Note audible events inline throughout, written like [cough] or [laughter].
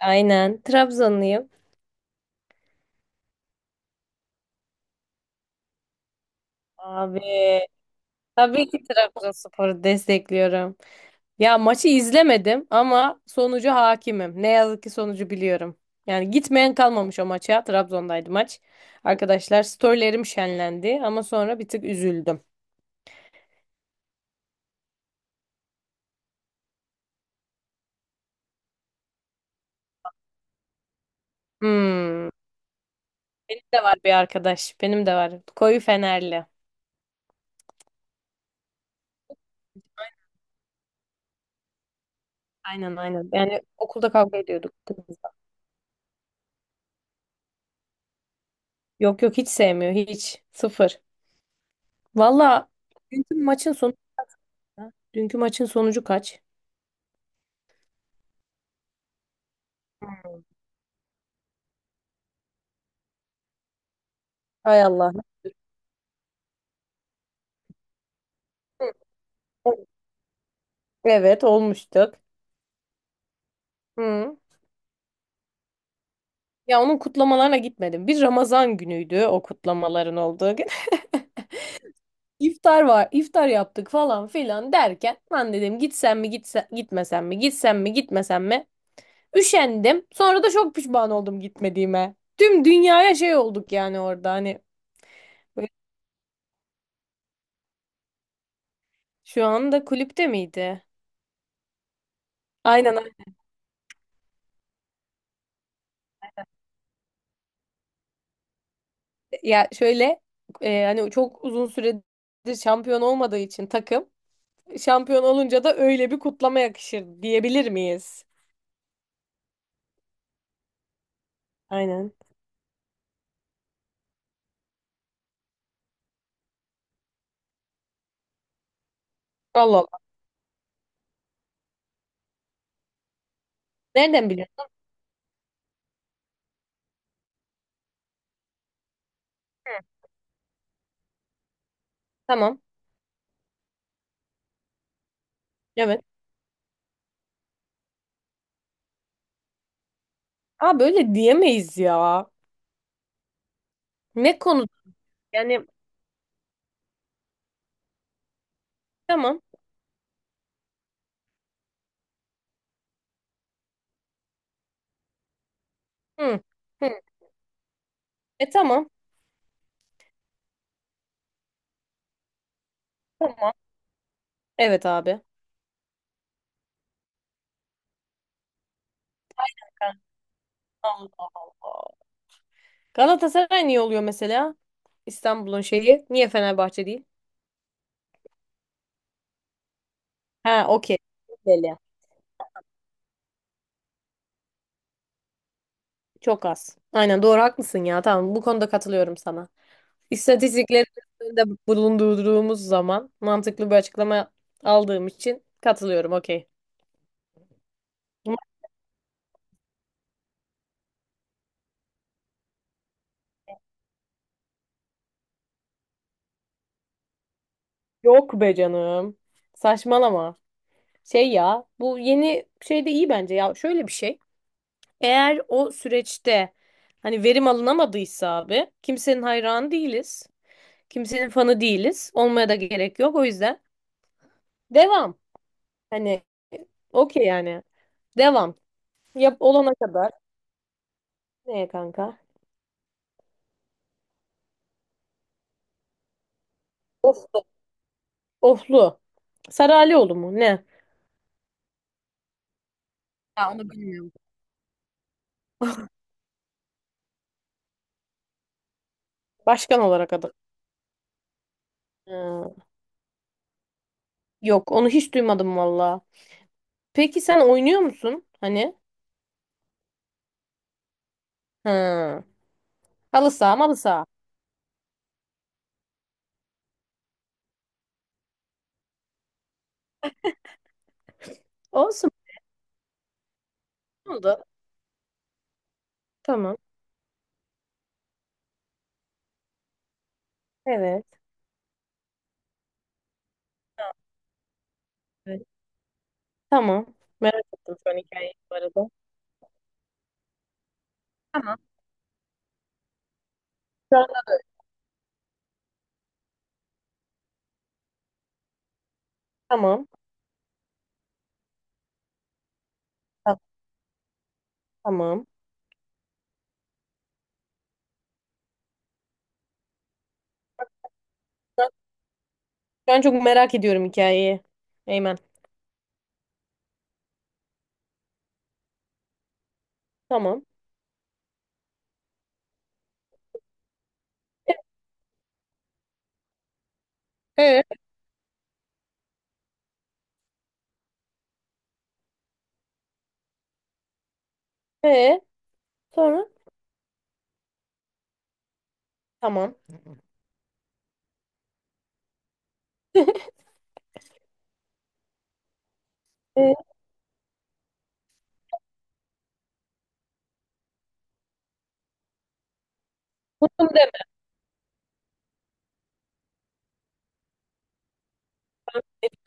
Aynen. Trabzonluyum. Abi tabii ki Trabzonspor'u destekliyorum. Ya maçı izlemedim ama sonucu hakimim. Ne yazık ki sonucu biliyorum. Yani gitmeyen kalmamış o maça. Trabzon'daydı maç. Arkadaşlar storylerim şenlendi ama sonra bir tık üzüldüm. Hmm. Benim de var bir arkadaş. Benim de var. Koyu Fenerli. Aynen aynen. Yani okulda kavga ediyorduk kızla. Yok yok hiç sevmiyor. Hiç. Sıfır. Valla dünkü maçın sonu. Dünkü maçın sonucu kaç? Hmm. Hay Allah. Evet evet, olmuştuk. Hı. Ya onun kutlamalarına gitmedim. Bir Ramazan günüydü o kutlamaların olduğu gün. [laughs] İftar var, iftar yaptık falan filan derken ben dedim gitsem mi gitmesem mi gitsem mi gitmesem mi üşendim. Sonra da çok pişman oldum gitmediğime. Tüm dünyaya şey olduk yani orada hani böyle şu anda kulüpte miydi? Aynen öyle. Ya şöyle hani çok uzun süredir şampiyon olmadığı için takım şampiyon olunca da öyle bir kutlama yakışır diyebilir miyiz? Aynen. Allah Allah. Nereden biliyorsun? Hı. Tamam. Evet. Aa böyle diyemeyiz ya. Ne konu? Yani tamam. Hı. Hı. E tamam. Tamam. Evet abi. Allah Allah. Galatasaray niye oluyor mesela? İstanbul'un şeyi. Niye Fenerbahçe değil? Ha okey. Belli. Çok az. Aynen doğru haklısın ya. Tamam bu konuda katılıyorum sana. İstatistikleri de bulundurduğumuz zaman mantıklı bir açıklama aldığım için katılıyorum. Okey. Ama yok be canım. Saçmalama. Şey ya bu yeni şey de iyi bence ya. Şöyle bir şey. Eğer o süreçte hani verim alınamadıysa abi kimsenin hayranı değiliz. Kimsenin fanı değiliz. Olmaya da gerek yok. O yüzden devam. Hani okey yani. Devam. Yap olana kadar. Neye kanka? Oflu. Saralioğlu mu? Ne? Ya onu bilmiyorum. [laughs] Başkan olarak adı. Ha, yok onu hiç duymadım valla. Peki sen oynuyor musun? Hani? Ha. Halı saha malı saha. Olsun. Ne oldu. Tamam. Evet. Evet. Tamam. Merak ettim şu an hikayeyi bu arada. Tamam. Şu an- Tamam. Ta- Tamam. Şu an çok merak ediyorum hikayeyi. Eymen. Tamam. Ee? Ee? Sonra? Tamam. Ee?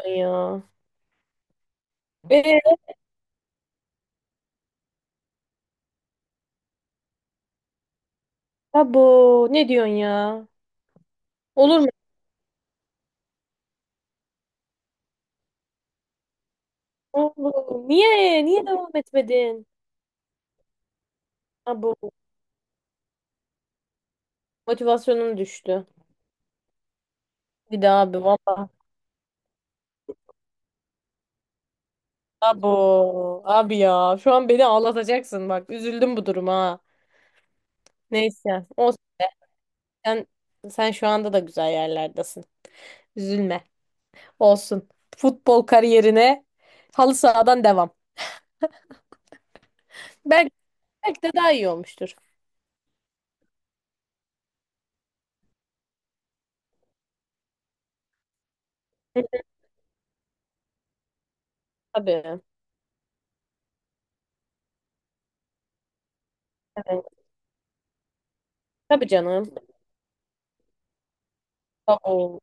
Ya. Ee? Abo. Ne diyorsun ya? Olur mu? Oğlum niye? Niye devam etmedin? Abo motivasyonum düştü. Bir daha abi valla. Abo abi ya şu an beni ağlatacaksın bak üzüldüm bu duruma. Ha. Neyse olsun sen, sen, şu anda da güzel yerlerdesin. Üzülme olsun. Futbol kariyerine halı sahadan devam. Belki, belki de daha iyi olmuştur. Hı, tabii. Evet. Tabii canım. Abo.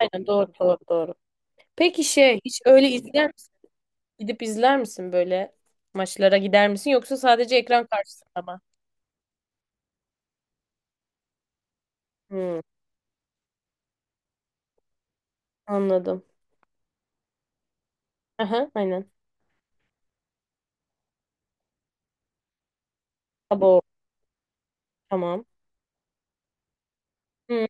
Aynen doğru doğru doğru. Peki şey hiç öyle izleyen gidip izler misin böyle maçlara gider misin yoksa sadece ekran karşısında mı? Hmm, anladım. Aha, aynen. Abo tamam. Hmm,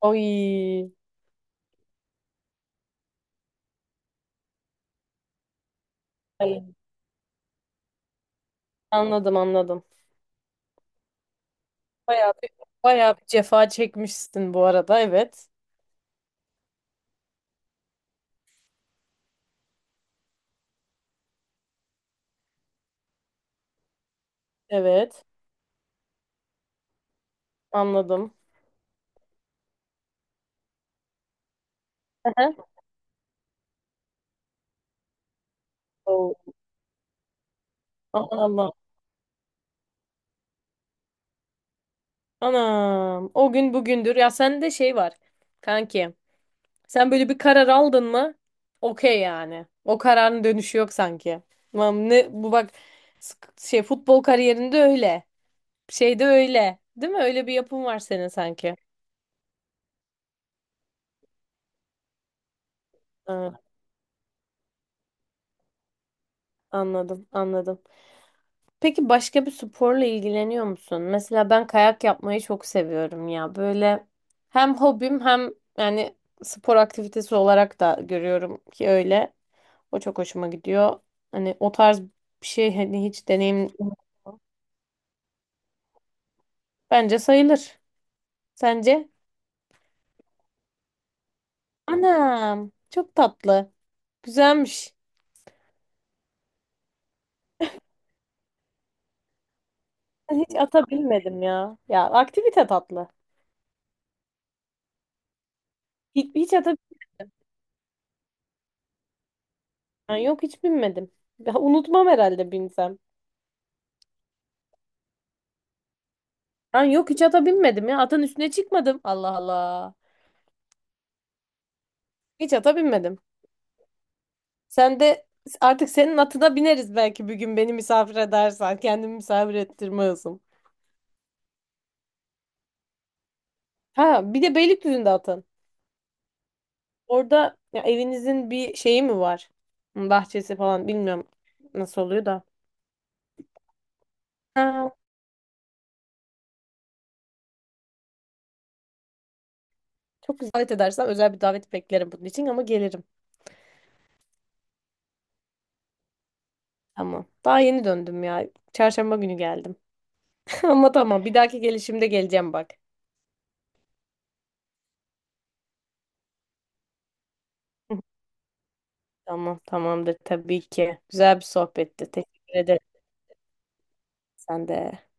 oy. Ay, anladım anladım. Bayağı bir, bayağı bir cefa çekmişsin bu arada, evet. Evet anladım. Aha. Oo, aman Allah. Anam o gün bugündür ya sende şey var kanki. Sen böyle bir karar aldın mı? Okey yani. O kararın dönüşü yok sanki. Tamam ne bu bak futbol kariyerinde öyle. Şeyde öyle. Değil mi? Öyle bir yapım var senin sanki. Ha, anladım, anladım. Peki başka bir sporla ilgileniyor musun? Mesela ben kayak yapmayı çok seviyorum ya. Böyle hem hobim hem yani spor aktivitesi olarak da görüyorum ki öyle. O çok hoşuma gidiyor. Hani o tarz bir şey hani hiç deneyim. Bence sayılır. Sence? Anam. Çok tatlı. Güzelmiş. Ben hiç ata binmedim ya. Ya aktivite tatlı. Hiç ata binmem. Yok hiç binmedim. Ya, unutmam herhalde binsem. Ben yok hiç ata binmedim ya. Atın üstüne çıkmadım. Allah Allah. Hiç ata binmedim. Sen de artık senin atına bineriz belki bir gün beni misafir edersen. Kendimi misafir ettirme hızım. Ha bir de Beylikdüzü'nde atın. Orada ya, evinizin bir şeyi mi var? Bahçesi falan bilmiyorum nasıl oluyor da. Ha, çok güzel. Davet edersen özel bir davet beklerim bunun için ama gelirim. Tamam. Daha yeni döndüm ya. Çarşamba günü geldim. [laughs] Ama tamam bir dahaki gelişimde geleceğim bak. [laughs] Tamam tamamdır tabii ki. Güzel bir sohbetti. Teşekkür ederim. Sen de.